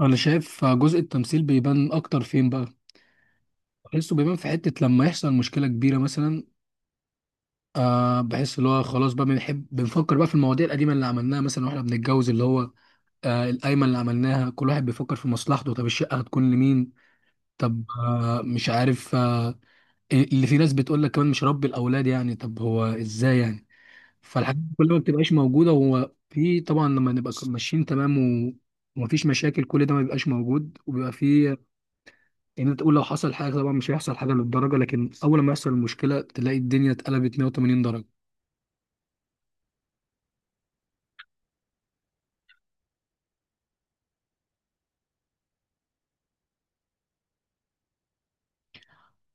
انا شايف جزء التمثيل بيبان اكتر فين بقى. بحسه بيبان في حتة لما يحصل مشكلة كبيرة مثلا. بحس اللي هو خلاص بقى بنحب بنفكر بقى في المواضيع القديمة اللي عملناها مثلا واحنا بنتجوز اللي هو القايمة اللي عملناها، كل واحد بيفكر في مصلحته. طب الشقة هتكون لمين؟ طب مش عارف. اللي في ناس بتقول لك كمان مش ربي الأولاد، يعني طب هو ازاي يعني؟ فالحاجات دي كلها ما بتبقاش موجودة، هو في طبعا لما نبقى ماشيين تمام و- ومفيش مشاكل، كل ده ما بيبقاش موجود وبيبقى في. يعني انت تقول لو حصل حاجه، طبعا مش هيحصل حاجه للدرجه، لكن اول ما يحصل المشكله تلاقي الدنيا اتقلبت 180 درجه.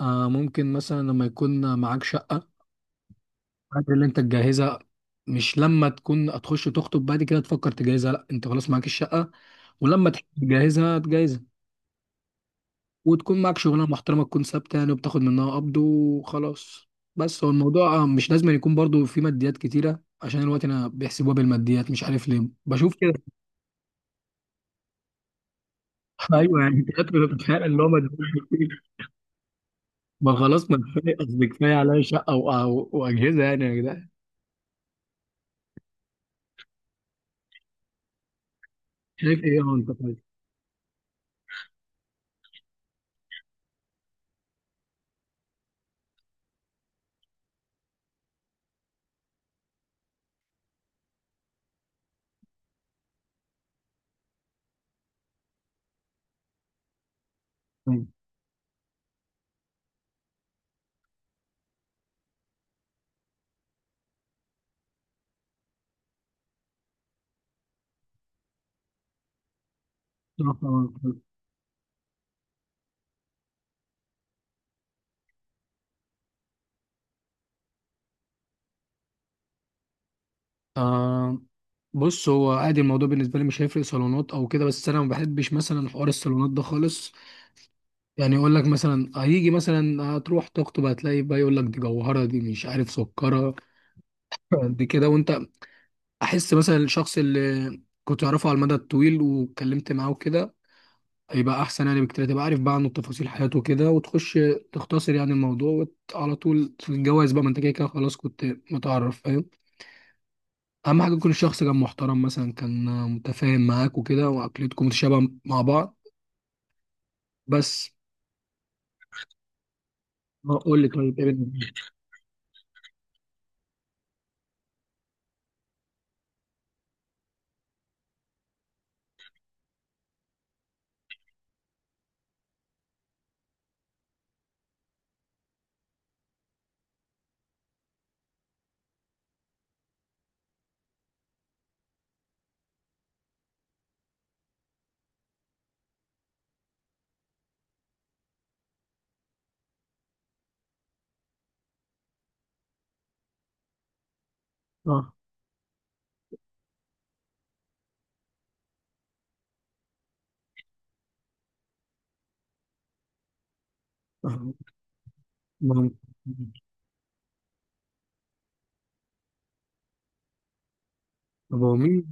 آه ممكن مثلا لما يكون معاك شقه، الحاجات اللي انت تجهزها. مش لما تكون هتخش تخطب بعد كده تفكر تجهزها، لا، انت خلاص معاك الشقه، ولما تحب تجهزها تجهزها. وتكون معاك شغلانه محترمه، تكون ثابته يعني وبتاخد منها قبض وخلاص. بس هو الموضوع مش لازم يكون برضو في ماديات كتيره، عشان الوقت انا بيحسبوها بالماديات، مش عارف ليه بشوف كده. ايوه يعني انت بتتخيل اللي هو مدفوع. ما خلاص، ما كفايه، قصدي كفايه عليا شقه واجهزه يعني يا جدعان. شايف ايه هو انت؟ طيب. طيب. طب- طب- آه بص، هو عادي الموضوع بالنسبه لي، مش هيفرق صالونات او كده، بس انا ما بحبش مثلا حوار الصالونات ده خالص. يعني يقول لك مثلا، هيجي مثلا هتروح تخطب هتلاقي بقى يقول لك دي جوهره، دي مش عارف سكره، دي كده. وانت احس مثلا الشخص اللي كنت اعرفه على المدى الطويل واتكلمت معاه وكده يبقى احسن يعني بكتير، تبقى عارف بقى عنه تفاصيل حياته كده وتخش تختصر يعني الموضوع على طول في الجواز بقى، ما انت كده كده خلاص كنت متعرف، فاهم. اهم حاجه يكون الشخص كان محترم مثلا، كان متفاهم معاك وكده، وعقليتكم متشابهه مع بعض. بس. ما اقول لك طيب ايه اه. آه، ما هو، طب هو مين.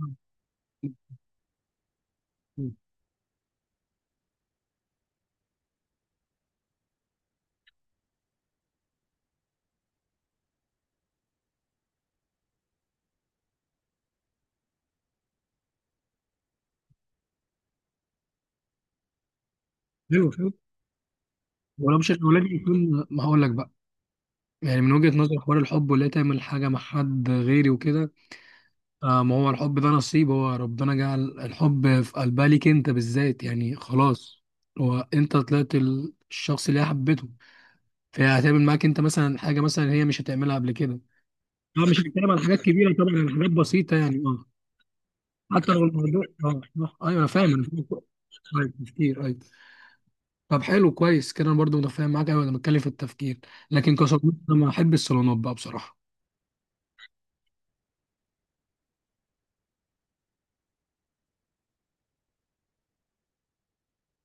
حلو حلو. ولو مش الولاد يكون ما هقول لك بقى يعني من وجهه نظر حوار الحب، ولا تعمل حاجه مع حد غيري وكده. آه ما هو الحب ده نصيب، هو ربنا جعل الحب في قلبها ليك انت بالذات يعني خلاص. هو انت طلعت الشخص اللي هي حبته، فهي هتعمل معاك انت مثلا حاجه مثلا هي مش هتعملها قبل كده. اه مش هتكلم عن حاجات كبيره طبعا، عن حاجات بسيطه يعني اه. حتى لو الموضوع اه. آه، ايوه انا فاهم انا فاهم. طيب تفكير، ايوه. طب حلو، كويس كده، انا برضو متفاهم معاك، ايوه انا بتكلم في التفكير. لكن كصديق انا ما احب الصالونات بقى بصراحه.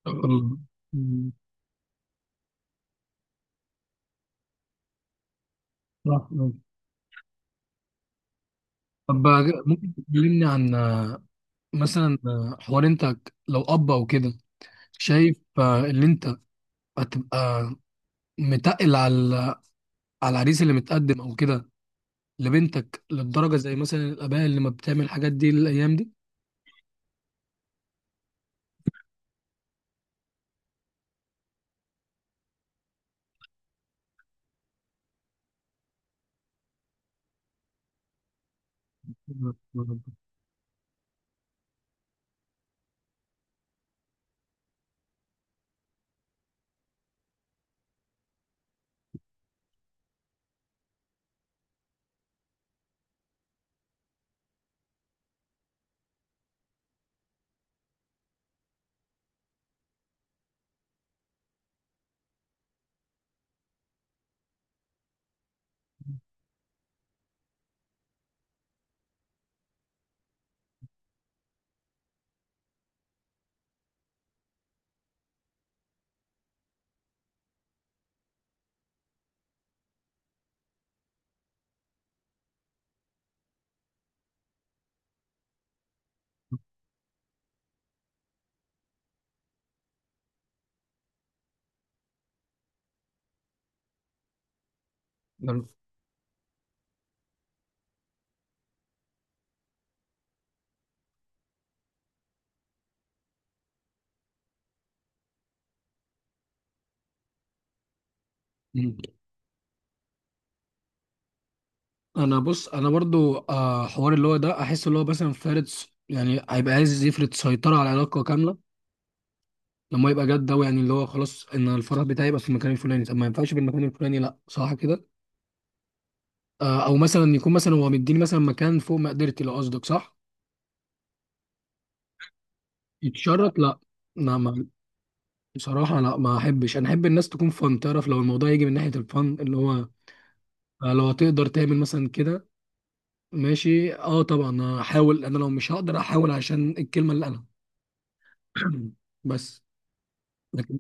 الله. مم. صح آه. طب ممكن تكلمني عن مثلا حوار انت لو اب او كده، شايف ان انت هتبقى متقل على على العريس اللي متقدم او كده لبنتك للدرجه، زي مثلا الاباء اللي ما بتعمل الحاجات دي الايام دي. مم. انا بص، انا برضو حوار اللي هو ده، احس اللي هو مثلا فارض، يعني هيبقى عايز يفرض سيطره على العلاقه كامله. لما يبقى جد ده يعني اللي هو خلاص ان الفرح بتاعي يبقى في المكان الفلاني، طب ما ينفعش بالمكان الفلاني، لا صح كده. آه، او مثلا يكون مثلا هو مديني مثلا مكان فوق مقدرتي، لو قصدك صح. يتشرط لا. لا ما، بصراحة لا، ما احبش. انا احب الناس تكون فن، تعرف لو الموضوع يجي من ناحية الفن اللي هو لو هتقدر تعمل مثلا كده، ماشي اه طبعا هحاول، انا لو مش هقدر احاول عشان الكلمة اللي انا بس. لكن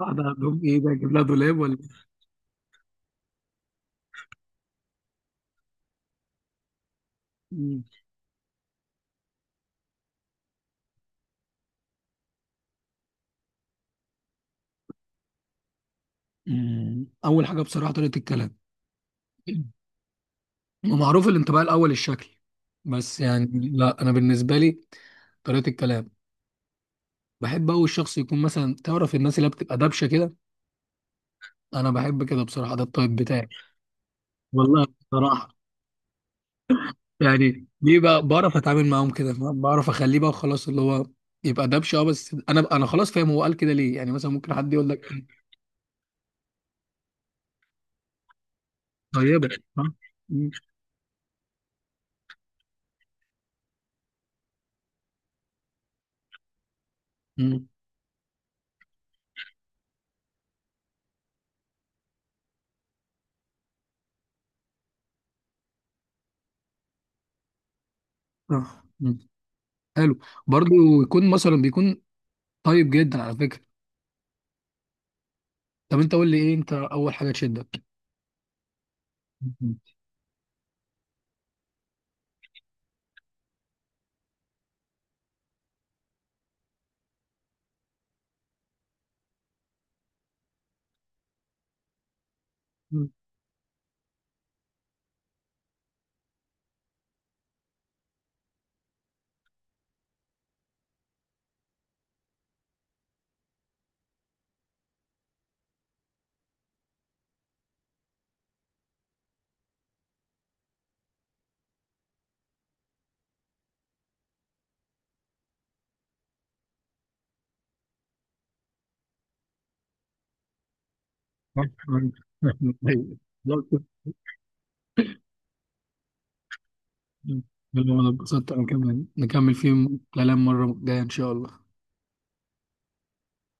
واحدة عندهم ايه بقى، اجيب لها دولاب ولا إيه؟ مم. مم. اول حاجة بصراحة طريقة الكلام، ومعروف الانطباع الاول الشكل، بس يعني لا انا بالنسبة لي طريقة الكلام. بحب أوي الشخص يكون مثلا، تعرف الناس اللي بتبقى دبشة كده، أنا بحب كده بصراحة، ده الطيب بتاعي والله بصراحة. يعني ليه بقى؟ بعرف أتعامل معاهم كده، بعرف أخليه بقى خلاص اللي هو يبقى دبشة. أه بس أنا خلاص فاهم، هو قال كده ليه يعني مثلا؟ ممكن حد يقول لك طيبة. ها؟ مم. مم. آه. مم. حلو. برضو يكون مثلا بيكون طيب جدا على فكرة. طب أنت قول لي إيه أنت أول حاجة تشدك؟ مم. مم. حلو، انا اتبسطت، انا كمان نكمل فيه كلام مرة جاية ان شاء الله.